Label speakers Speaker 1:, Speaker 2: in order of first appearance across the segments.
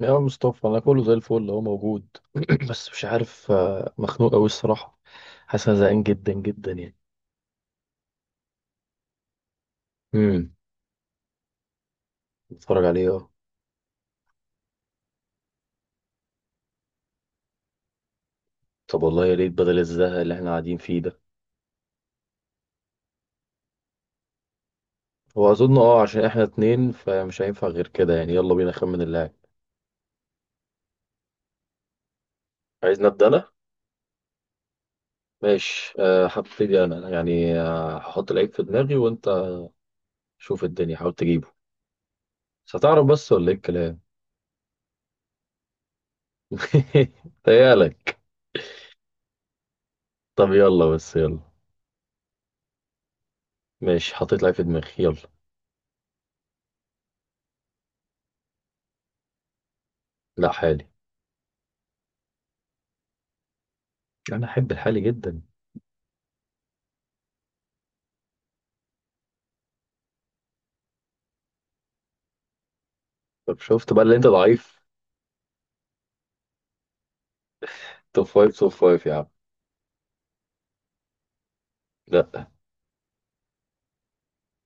Speaker 1: يا مصطفى، انا كله زي الفل هو موجود. بس مش عارف، مخنوق قوي الصراحه. حاسس انا زهقان جدا جدا يعني. امم. بتفرج عليه، اه. طب والله يا ريت بدل الزهق اللي احنا قاعدين فيه ده. هو اظن، اه، عشان احنا اتنين فمش هينفع غير كده يعني. يلا بينا نخمن اللاعب. عايز نبدا انا. ماشي، هبتدي انا يعني. هحط لعيب في دماغي وانت شوف الدنيا حاول تجيبه. بس هتعرف بس ولا ايه الكلام؟ تهيألك. طب يلا، بس يلا. ماشي، حطيت لعيب في دماغي، يلا. لا، حالي. انا احب الحالي جدا. طب شفت بقى اللي انت ضعيف؟ توب فايف، توب فايف يا عم. لا.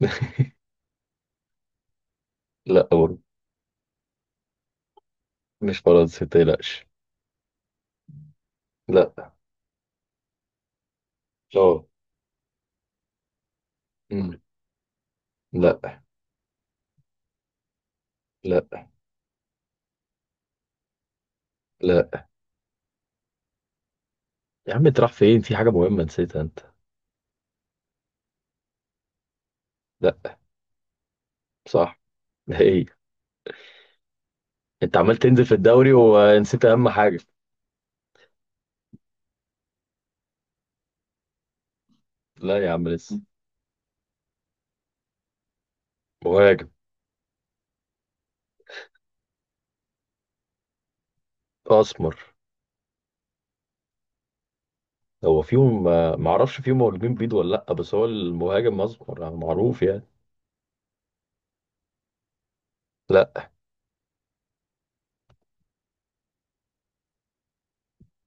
Speaker 1: لا، برضه. مش فرنسا، متقلقش. لا. اه. أمم. لا. لا، لا. يا عم انت رايح فين؟ في حاجه مهمه نسيتها انت. لا. صح. ده ايه؟ انت عمال تنزل في الدوري ونسيت اهم حاجه. لا يا عم، لسه. مهاجم. اسمر. هو فيهم. ما اعرفش فيهم مهاجمين بيض ولا لا، بس هو المهاجم اسمر يعني معروف يعني. لا.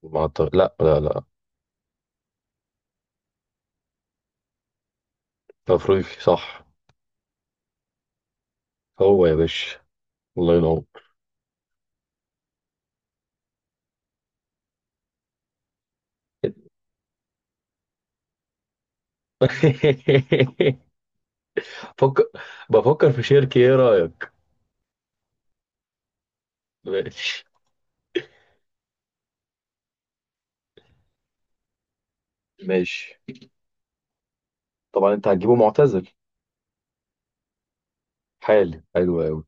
Speaker 1: ما أعتقد- لا لا لا. افريقي، صح. هو يا باشا. الله ينور. فكر. بفكر في شركة، ايه رأيك؟ ماشي. ماشي. طبعا انت هتجيبه معتزل. حالي حلو قوي.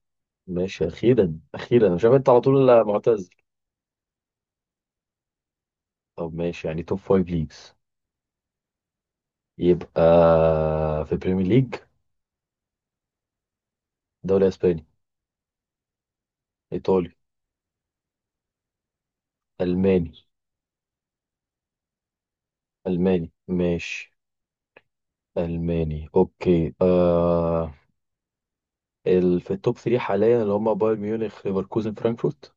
Speaker 1: ماشي، اخيرا اخيرا انا شايف انت على طول معتزل. طب ماشي يعني توب فايف ليجز. يبقى في بريمير ليج. دوري اسباني. ايطالي. الماني. الماني ماشي. الماني اوكي في التوب 3 حاليا اللي هم بايرن ميونخ، ليفركوزن، فرانكفورت.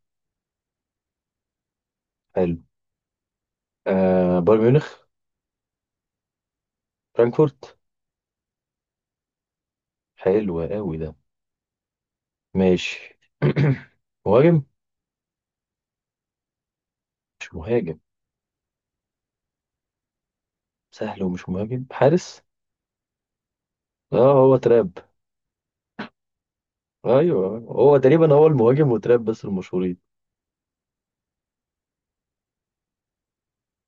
Speaker 1: حلو. بايرن ميونخ. فرانكفورت. حلو قوي ده. ماشي. مهاجم. مش مهاجم. سهل ومش مهاجم، حارس. اه، هو تراب. ايوه هو تقريبا هو المهاجم وتراب بس المشهورين.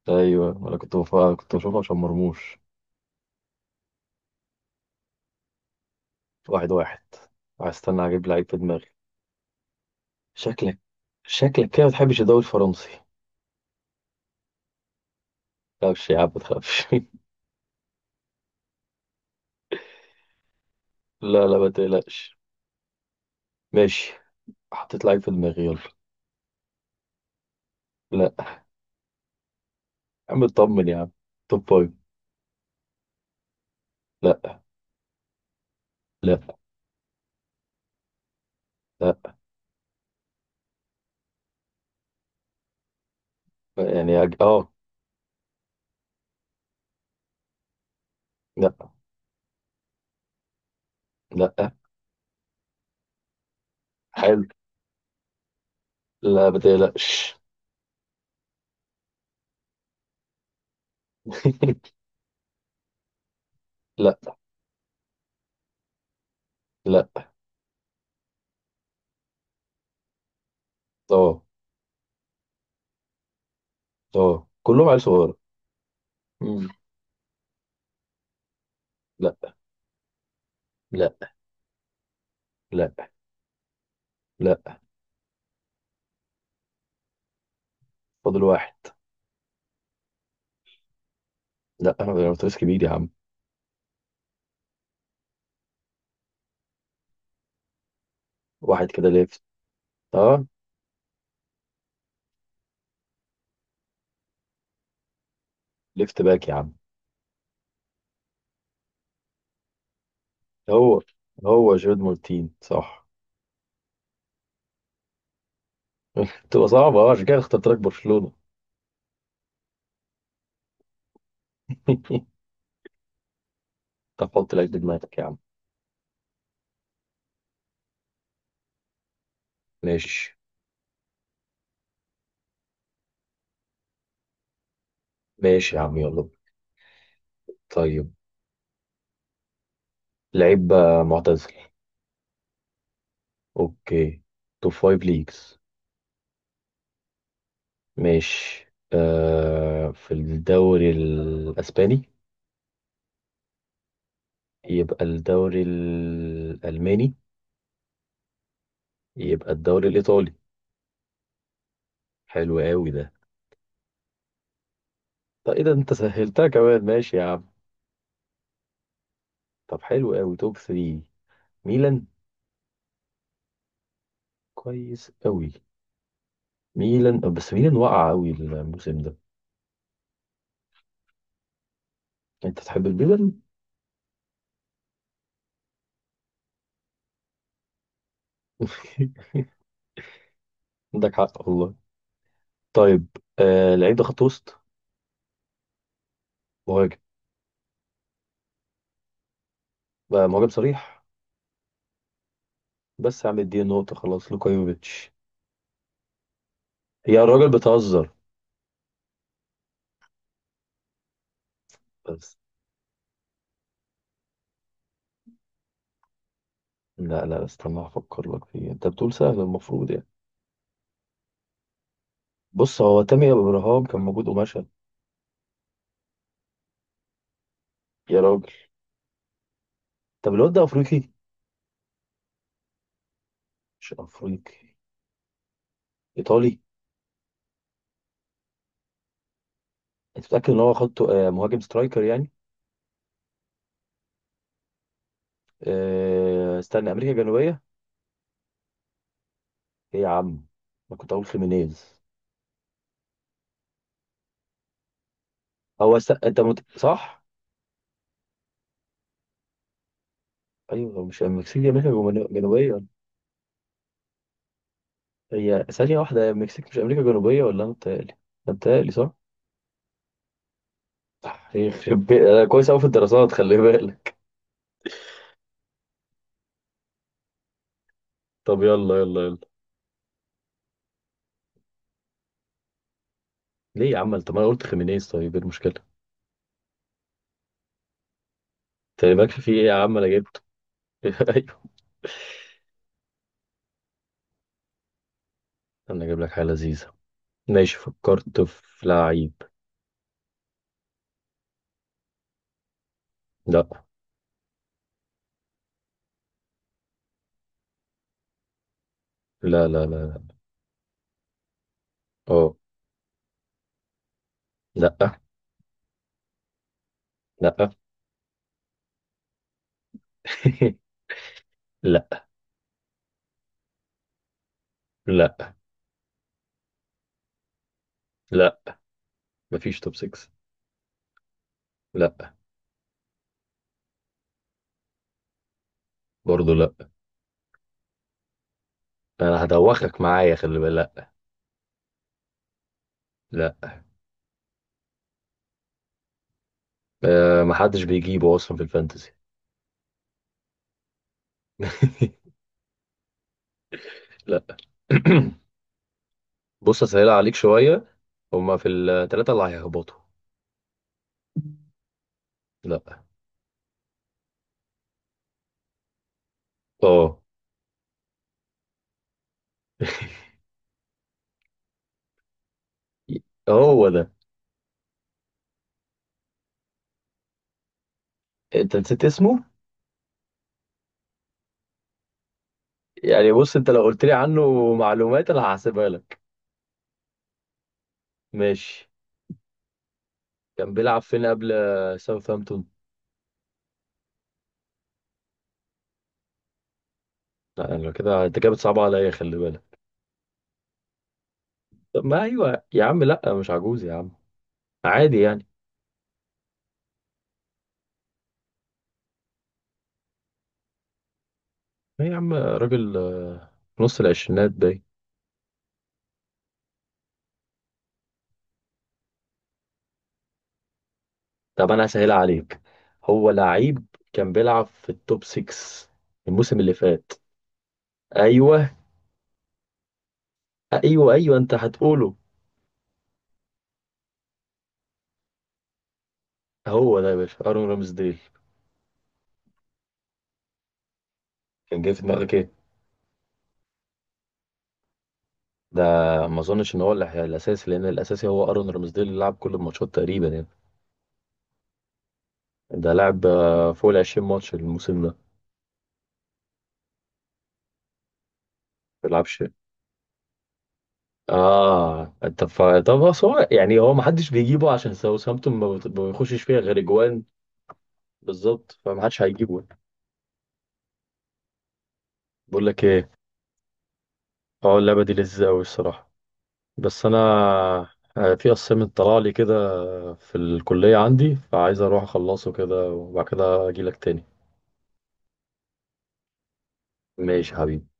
Speaker 1: ايوه، انا كنت بشوفه عشان مرموش. واحد واحد. هستنى اجيب لعيب في دماغي. شكلك. شكلك كده ما بتحبش الدوري الفرنسي. لا مش يا عم، ما تخافش. لا لا، ما تقلقش. ماشي، حطيت لعيب في دماغي، يلا. لا يا عم، اطمن يا عم. توب فايف. لا. لا. لا. يعني اه. لا. لا. حلو. لا، ما تقلقش. لا. لا، اه. اه، كلهم عيال صغيرة. مم. لا. لا. لا. لا. فاضل واحد. لا، انا بيراميدز كبير يا عم. واحد كده، ليفت. اه. ليفت باك يا عم. هو. هو جيرد مارتين، صح. تبقى صعبة، اه، عشان كده اخترت لك برشلونة. طب حط لك دماغك يا عم. ماشي. ماشي يا عم، يلا. طيب. لعيب، معتزل. اوكي. توب فايف ليجز. ماشي. في الدوري الأسباني. يبقى الدوري الألماني. يبقى الدوري الإيطالي. حلو قوي ده. طب إيه ده، أنت سهلتها كمان. ماشي يا عم. طب حلو قوي، توب 3. ميلان. كويس قوي. ميلان، بس ميلان وقع قوي الموسم ده. أنت تحب الميلان. عندك حق والله. طيب. لعيب ده خط وسط. مهاجم. بقى مهاجم صريح. بس يا عم اديني نقطة، خلاص لوكا يوفيتش. هي الراجل بتهزر. بس. لا لا، استنى افكر لك فيه، انت بتقول سهل المفروض يعني. بص، هو تامر ابراهام كان موجود ومشى. يا راجل. طب الواد ده افريقي؟ مش افريقي. ايطالي. انت متاكد ان هو خدته؟ مهاجم سترايكر يعني. استنى، امريكا الجنوبيه. ايه يا عم؟ ما كنت اقول خيمينيز. هو است... انت مت... صح. ايوه، هو مش المكسيك دي امريكا جنوبيه؟ هي ثانيه واحده، هي المكسيك مش امريكا جنوبيه ولا انا متهيألي؟ أنا متهيألي صح؟ صح، انا كويس قوي في الدراسات، خلي بالك. طب يلا يلا يلا. ليه يا عم؟ انت، ما انا قلت خيمينيز، طيب ايه المشكله؟ انت مالكش فيه ايه يا عم، انا جبته. ايوه. انا اجيب لك حاجه لذيذه. ماشي، فكرت في لعيب. لا. لا لا لا لا. اه. لا. لا. لا. لا، لا. مفيش توب 6. لا. برضه لا. انا هدوخك معايا، خلي بالك. لا لا. أه، محدش بيجيبه اصلا في الفانتسي. لا. بص اسهلها عليك شويه، هما في الثلاثه اللي هيهبطوا. لا. اه، هو ده. انت نسيت اسمه. يعني بص، انت لو قلت لي عنه معلومات انا هحسبها لك. ماشي. كان بيلعب فين قبل ساوثهامبتون؟ لا، انا كده، انت كده بتصعب عليا، خلي بالك. طب، ما ايوه يا عم، لا مش عجوز يا عم. عادي يعني. ايه يا عم، راجل، في نص العشرينات باين. طب انا هسهلها عليك. هو لعيب كان بيلعب في التوب 6 الموسم اللي فات. ايوه ايوه، ايوه انت هتقوله. هو ده يا باشا، ارون رامسديل. كان جاي في دماغك. ده، ما اظنش ان هو الاساسي، لان الاساسي هو ارون رامسديل اللي لعب كل الماتشات تقريبا يعني. ده لعب فوق ال 20 ماتش الموسم ده، ما بيلعبش. اه انت طب بس هو يعني هو ما حدش بيجيبه عشان ساوثهامبتون ما بيخشش فيها غير اجوان. بالظبط، فما حدش هيجيبه. بقول لك ايه، اه اللعبه دي لذيذه قوي الصراحه، بس انا، في اسايمنت طلع لي كده في الكليه عندي، فعايز اروح اخلصه كده وبعد كده اجي لك تاني. ماشي يا حبيبي.